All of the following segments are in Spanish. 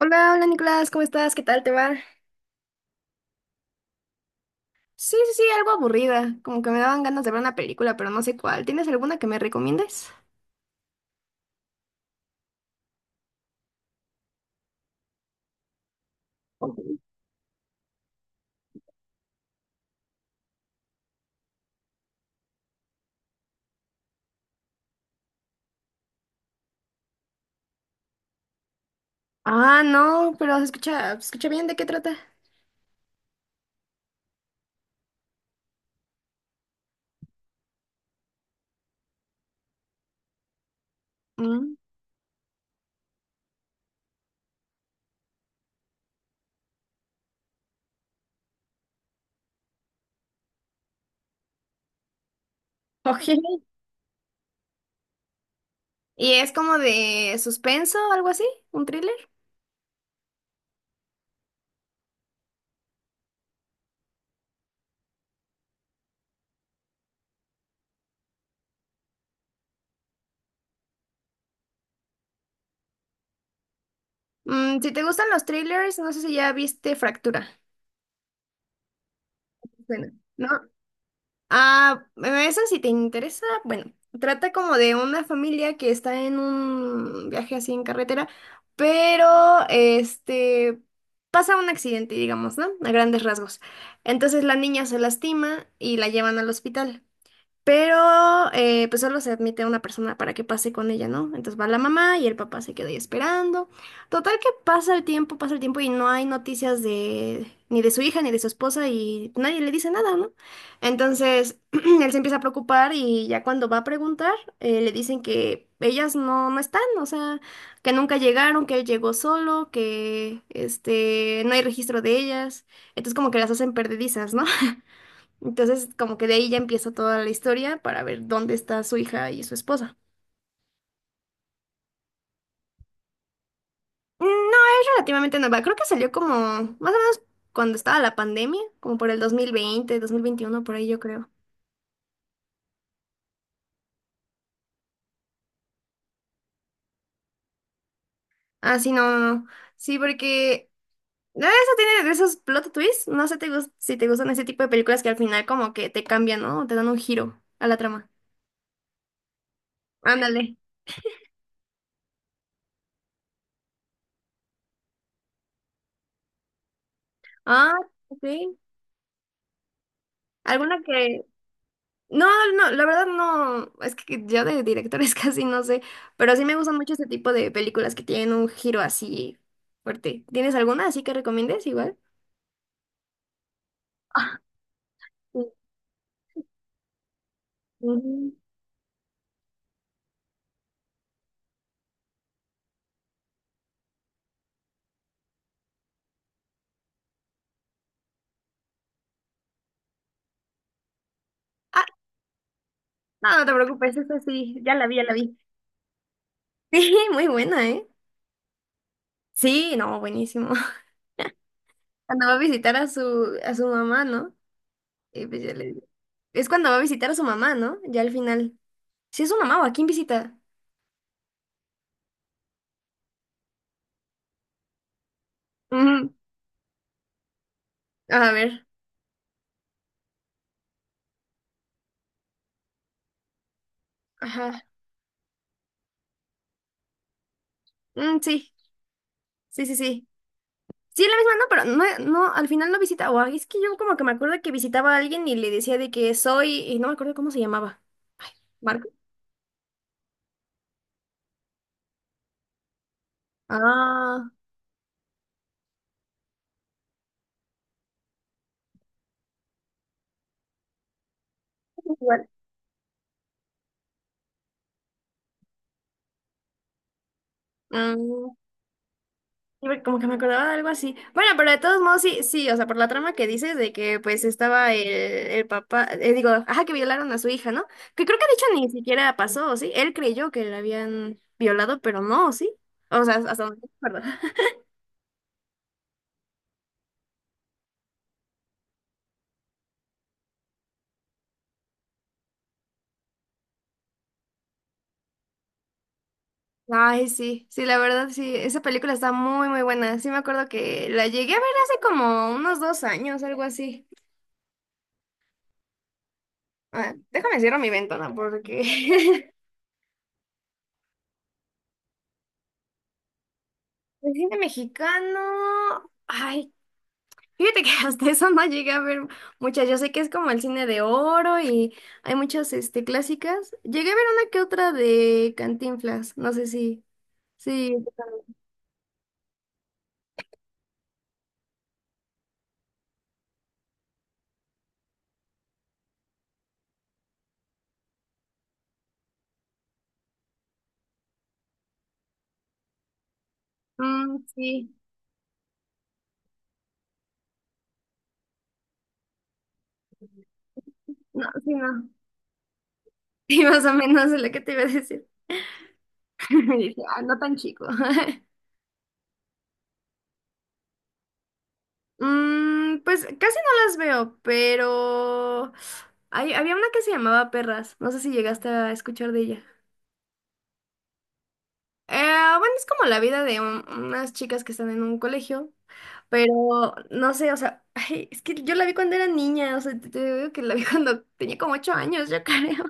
Hola, hola Nicolás, ¿cómo estás? ¿Qué tal te va? Sí, sí, sí, algo aburrida, como que me daban ganas de ver una película, pero no sé cuál. ¿Tienes alguna que me recomiendes? Ah, no, pero se escucha bien, ¿de qué trata? Mm. Ok. ¿Y es como de suspenso o algo así? ¿Un thriller? Si te gustan los thrillers, no sé si ya viste Fractura. Bueno, ¿no? Ah, esa si te interesa, bueno, trata como de una familia que está en un viaje así en carretera, pero este pasa un accidente, digamos, ¿no? A grandes rasgos. Entonces la niña se lastima y la llevan al hospital. Pero pues solo se admite a una persona para que pase con ella, ¿no? Entonces va la mamá y el papá se queda ahí esperando. Total que pasa el tiempo y no hay noticias de ni de su hija ni de su esposa y nadie le dice nada, ¿no? Entonces él se empieza a preocupar y ya cuando va a preguntar le dicen que ellas no, no están, o sea, que nunca llegaron, que él llegó solo, que este no hay registro de ellas. Entonces como que las hacen perdedizas, ¿no? Entonces, como que de ahí ya empieza toda la historia para ver dónde está su hija y su esposa. No, es relativamente nueva. Creo que salió como más o menos cuando estaba la pandemia, como por el dos mil veinte 2021 por ahí yo creo. Ah, sí, no, no, no. Sí, porque no, eso tiene de esos plot twists. Si te gustan ese tipo de películas que al final como que te cambian, ¿no? Te dan un giro a la trama. Ándale. Ah, ok. ¿Alguna que... No, no, la verdad no, es que yo de directores casi no sé, pero sí me gustan mucho este tipo de películas que tienen un giro así fuerte. ¿Tienes alguna así que recomiendes igual? Ah, sí, ujú. Ah, no, no te preocupes, esa sí, ya la vi, ya la vi. Sí, muy buena, ¿eh? Sí, no, buenísimo. Cuando va a visitar a su mamá, ¿no? Y pues ya le- Es cuando va a visitar a su mamá, ¿no? Ya al final. ¿Sí es su mamá o a quién visita? Mm, a ver, ajá. Mm, sí, sí, sí, sí. Sí, es la misma, no, pero no, no, al final no visitaba. Es que yo como que me acuerdo que visitaba a alguien y le decía de que soy, y no me acuerdo cómo se llamaba. ¿Marco? Ah, igual. Mm, sí, porque como que me acordaba de algo así. Bueno, pero de todos modos, sí, sí, o sea, por la trama que dices de que pues estaba el papá, digo, ajá, que violaron a su hija, ¿no? Que creo que de hecho ni siquiera pasó, ¿sí? Él creyó que la habían violado, pero no, ¿sí? O sea, hasta donde me acuerdo. Ay, sí, sí, la verdad, sí, esa película está muy, muy buena. Sí, me acuerdo que la llegué a ver hace como unos 2 años, algo así. Ah, déjame cierro mi ventana porque el cine mexicano, ay, fíjate que hasta eso no llegué a ver muchas. Yo sé que es como el cine de oro y hay muchas, este, clásicas. Llegué a ver una que otra de Cantinflas, no sé si, sí, mm, sí, no, sí, no. Sí, más o menos es lo que te iba a decir. Y dije, ah, no tan chico. Pues casi no las veo, pero había una que se llamaba Perras. No sé si llegaste a escuchar de ella. Eh, bueno, es como la vida de unas chicas que están en un colegio, pero no sé, o sea, ay, es que yo la vi cuando era niña, o sea, te digo que la vi cuando tenía como 8 años, yo creo.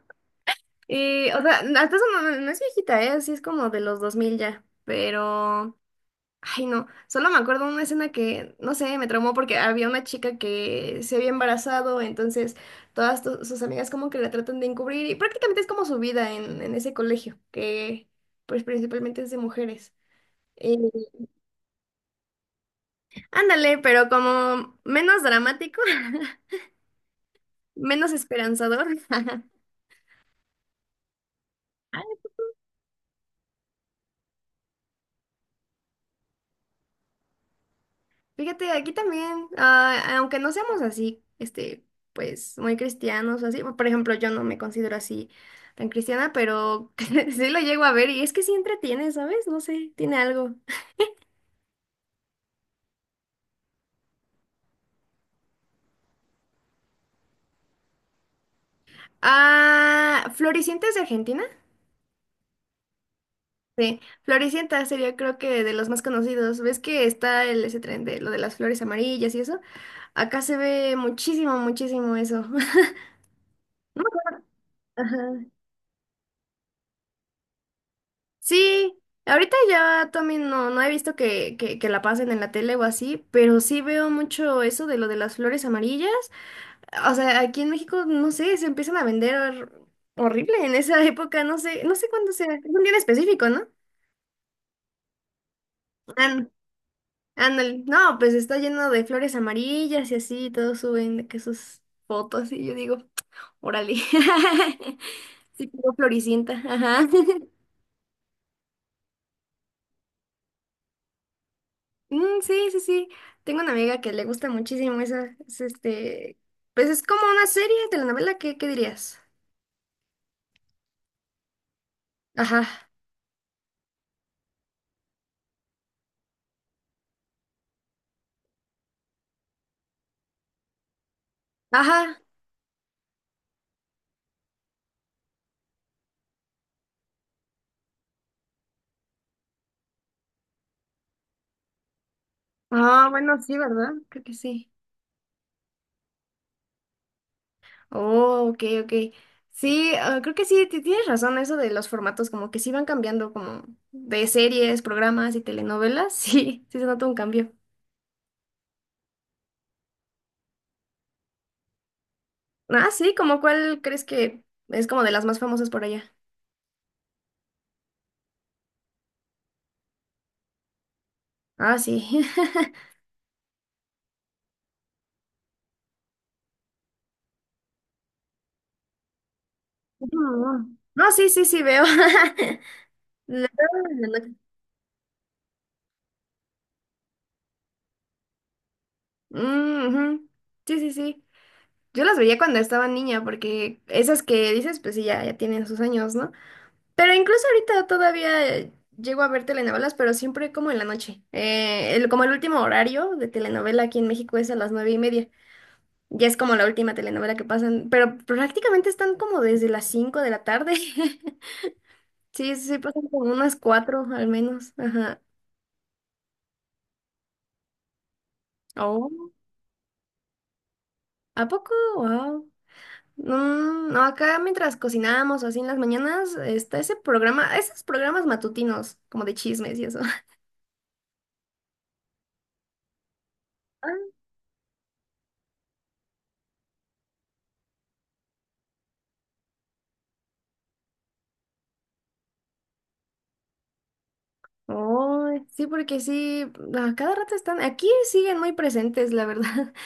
Y, o sea, hasta eso no, no es viejita, ¿eh? Así es como de los 2000 ya, pero... Ay, no, solo me acuerdo una escena que, no sé, me traumó porque había una chica que se había embarazado, entonces todas sus amigas como que la tratan de encubrir y prácticamente es como su vida en ese colegio, que pues principalmente es de mujeres. Eh, ándale, pero como menos dramático, menos esperanzador. Fíjate, aquí también, ah, aunque no seamos así, este, pues muy cristianos o así, por ejemplo, yo no me considero así tan cristiana, pero sí lo llego a ver y es que sí entretiene, ¿sabes? No sé, tiene algo. Ah, Floricienta es de Argentina. Sí, Floricienta sería creo que de los más conocidos. ¿Ves que está ese tren de lo de las flores amarillas y eso? Acá se ve muchísimo, muchísimo eso. No. Me acuerdo. Ajá. Sí, ahorita ya también no, no he visto que la pasen en la tele o así, pero sí veo mucho eso de lo de las flores amarillas. O sea, aquí en México, no sé, se empiezan a vender horrible en esa época, no sé, no sé cuándo sea, es un día en específico, ¿no? Án- Ándale, no, pues está lleno de flores amarillas y así, todos suben de que sus fotos y yo digo, órale. Sí, como floricienta, ajá. Mm, sí, sí, sí. Tengo una amiga que le gusta muchísimo esa, es este, pues es como una serie, telenovela, ¿qué dirías? Ajá, ajá. Ah, bueno, sí, ¿verdad? Creo que sí. Oh, ok, ok. Sí, ah, creo que sí, tienes razón, eso de los formatos, como que sí van cambiando, como de series, programas y telenovelas, sí, sí se nota un cambio. Ah, sí, ¿como cuál crees que es como de las más famosas por allá? Ah, sí. No, no. No, sí, sí, sí, veo. Veo en la noche. Mm, ujú. Sí, sí, sí. Yo las veía cuando estaba niña, porque esas que dices, pues sí, ya, ya tienen sus años, ¿no? Pero incluso ahorita todavía llego a ver telenovelas, pero siempre como en la noche. Como el último horario de telenovela aquí en México es a las 9:30. Ya es como la última telenovela que pasan, pero prácticamente están como desde las 5 de la tarde. Sí, sí, pasan como unas cuatro al menos. Ajá. Oh, ¿a poco? Wow. No, acá mientras cocinábamos o así en las mañanas, está ese programa, esos programas matutinos, como de chismes y eso. Ah, oh, sí, porque sí, a cada rato están, aquí siguen muy presentes, la verdad.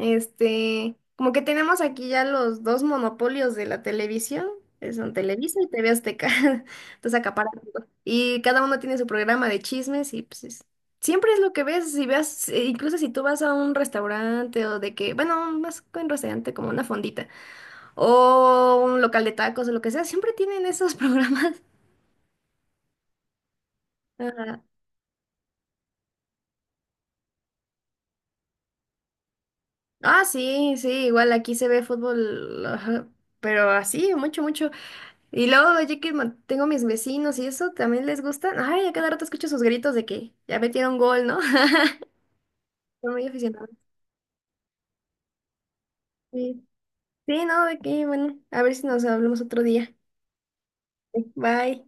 Este, como que tenemos aquí ya los dos monopolios de la televisión, que son Televisa y TV Azteca. Entonces acaparan todo. Y cada uno tiene su programa de chismes y pues es- siempre es lo que ves, si ves, incluso si tú vas a un restaurante o de que, bueno, más que un restaurante como una fondita o un local de tacos o lo que sea, siempre tienen esos programas. Ajá. Ah, sí, sí, igual aquí se ve fútbol, ajá, pero así, mucho, mucho. Y luego, yo que tengo mis vecinos y eso, también les gusta. Ay, a cada rato escucho sus gritos de que ya metieron gol, ¿no? Son muy aficionados. Sí. Sí, no, de que, bueno, a ver si nos hablamos otro día. Bye.